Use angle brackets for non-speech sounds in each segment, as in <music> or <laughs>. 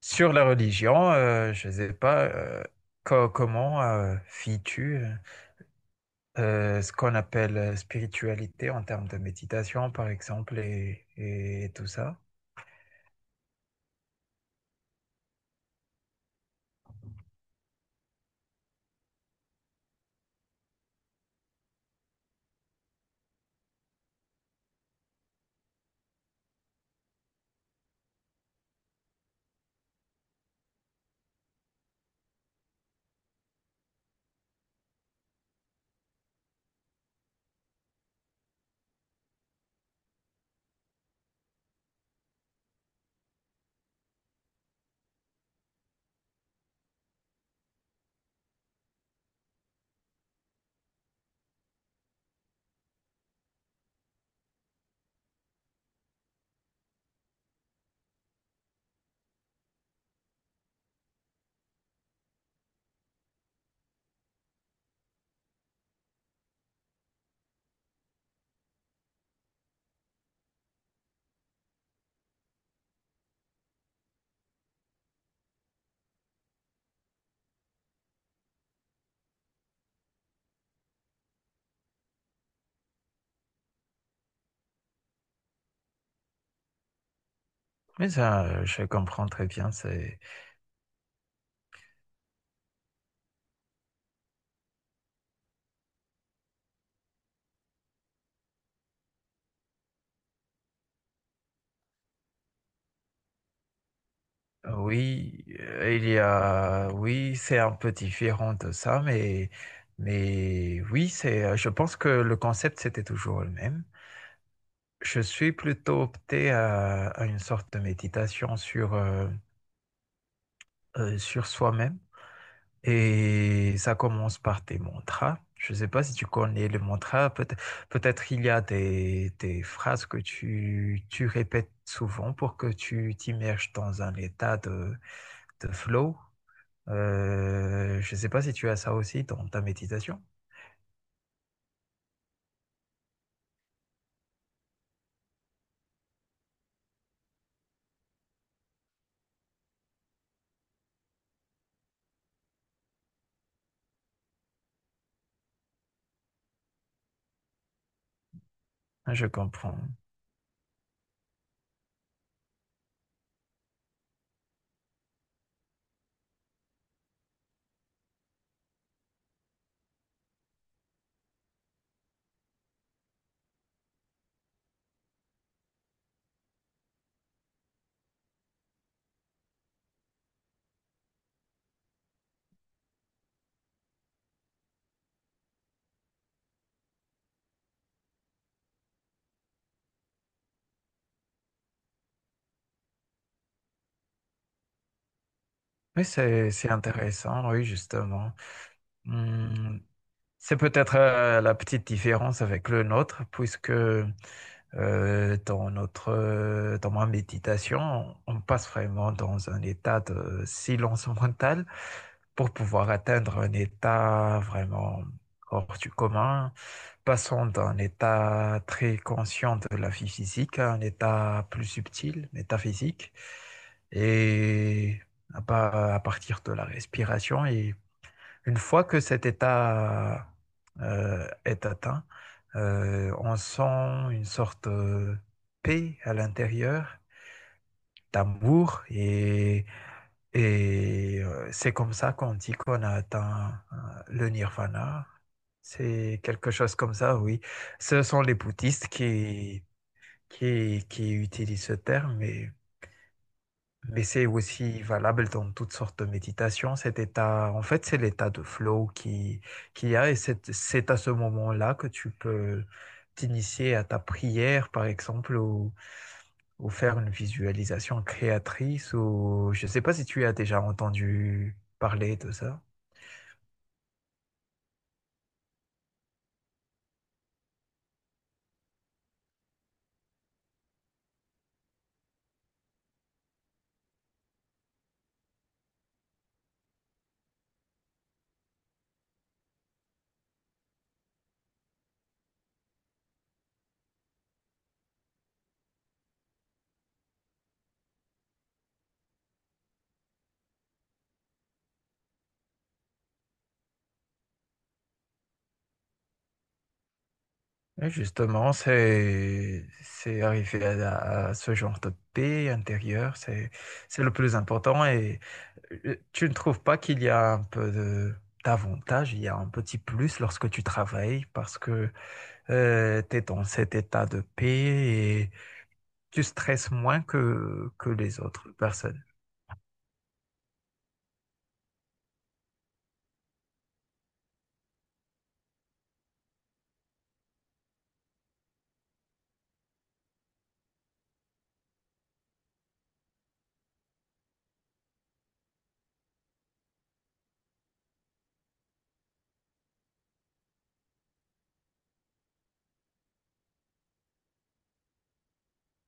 Sur la religion, je ne sais pas, co- comment tu ce qu'on appelle spiritualité en termes de méditation, par exemple, et tout ça. Mais ça, je comprends très bien. C'est oui, il y a oui, c'est un peu différent de ça, mais oui, c'est. Je pense que le concept c'était toujours le même. Je suis plutôt opté à une sorte de méditation sur soi-même. Et ça commence par tes mantras. Je ne sais pas si tu connais le mantra. Peut-être il y a des phrases que tu répètes souvent pour que tu t'immerges dans un état de flow. Je ne sais pas si tu as ça aussi dans ta méditation. Ah, je comprends. Oui, c'est intéressant, oui, justement. Mmh. C'est peut-être la petite différence avec le nôtre, puisque dans ma méditation, on passe vraiment dans un état de silence <laughs> mental pour pouvoir atteindre un état vraiment hors du commun, passant d'un état très conscient de la vie physique à un état plus subtil, métaphysique, et à partir de la respiration. Et une fois que cet état est atteint, on sent une sorte de paix à l'intérieur, d'amour, et c'est comme ça qu'on dit qu'on a atteint le nirvana. C'est quelque chose comme ça, oui. Ce sont les bouddhistes qui utilisent ce terme, mais c'est aussi valable dans toutes sortes de méditations. Cet état, en fait, c'est l'état de flow qui, qu'il y a, et c'est à ce moment-là que tu peux t'initier à ta prière, par exemple, ou faire une visualisation créatrice, ou je ne sais pas si tu as déjà entendu parler de ça. Et justement, c'est arriver à ce genre de paix intérieure, c'est le plus important. Et tu ne trouves pas qu'il y a un peu de d'avantage, il y a un petit plus lorsque tu travailles parce que tu es dans cet état de paix et tu stresses moins que les autres personnes.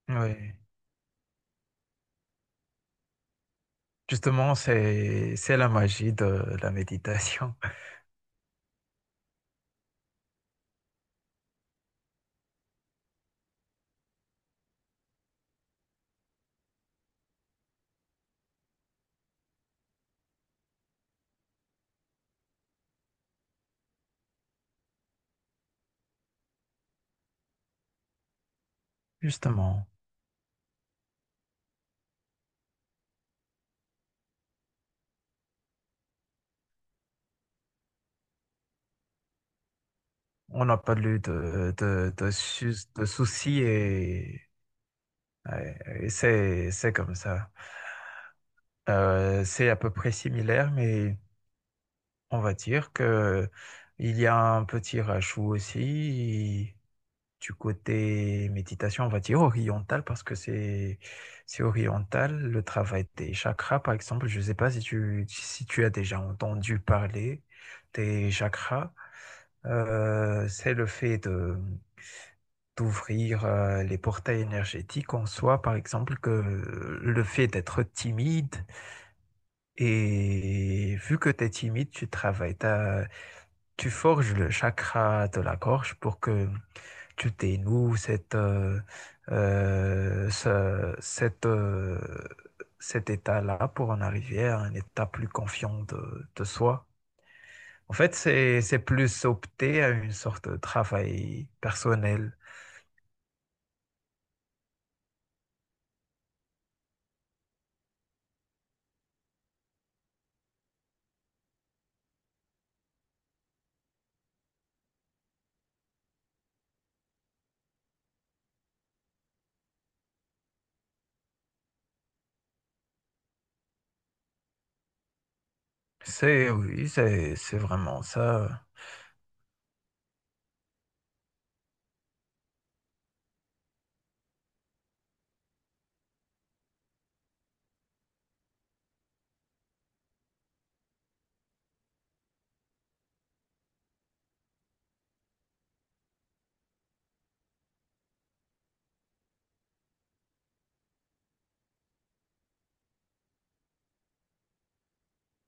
Oui, justement, c'est la magie de la méditation. <laughs> Justement. On n'a pas eu de soucis et, ouais, et c'est comme ça. C'est à peu près similaire, mais on va dire que il y a un petit rajout aussi du côté méditation, on va dire oriental, parce que c'est oriental, le travail des chakras, par exemple. Je ne sais pas si tu as déjà entendu parler des chakras. C'est le fait de d'ouvrir les portails énergétiques en soi, par exemple, que le fait d'être timide, et vu que tu es timide, tu forges le chakra de la gorge pour que tu dénoues euh, ce- cette, euh, cet état-là pour en arriver à un état plus confiant de soi. En fait, c'est plus opter à une sorte de travail personnel. C'est oui, c'est vraiment ça.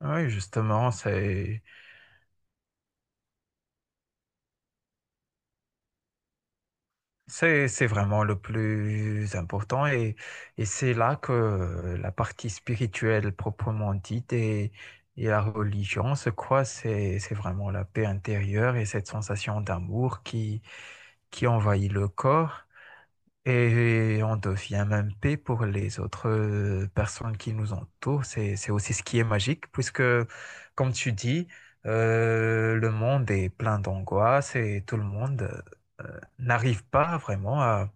Oui, justement, c'est vraiment le plus important, et c'est là que la partie spirituelle proprement dite et la religion se croisent. C'est vraiment la paix intérieure et cette sensation d'amour qui envahit le corps. Et on devient même paix pour les autres personnes qui nous entourent. C'est aussi ce qui est magique, puisque, comme tu dis, le monde est plein d'angoisse et tout le monde n'arrive pas vraiment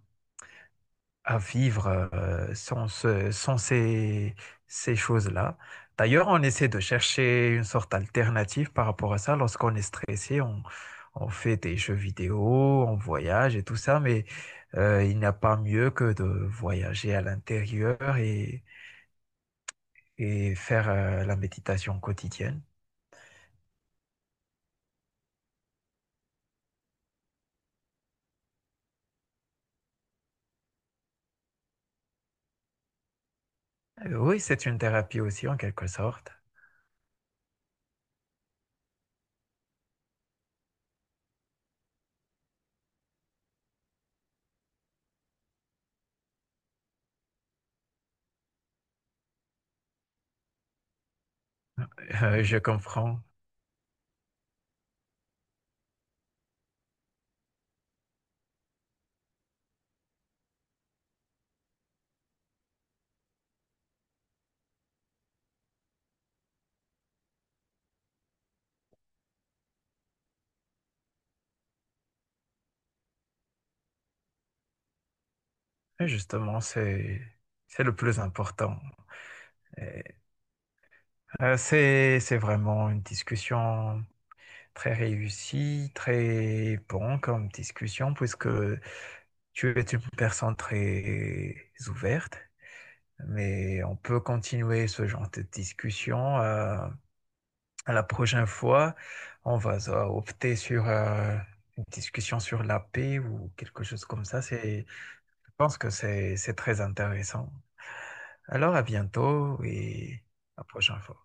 à vivre sans, sans ces, ces choses-là. D'ailleurs, on essaie de chercher une sorte d'alternative par rapport à ça. Lorsqu'on est stressé, on fait des jeux vidéo, on voyage et tout ça, mais il n'y a pas mieux que de voyager à l'intérieur et faire la méditation quotidienne. Oui, c'est une thérapie aussi en quelque sorte. Je comprends. Et justement, c'est le plus important. Euh, c'est vraiment une discussion très réussie, très bon comme discussion, puisque tu es une personne très ouverte. Mais on peut continuer ce genre de discussion. À la prochaine fois, on va opter sur une discussion sur la paix ou quelque chose comme ça. C'est, je pense que c'est très intéressant. Alors à bientôt et à la prochaine fois.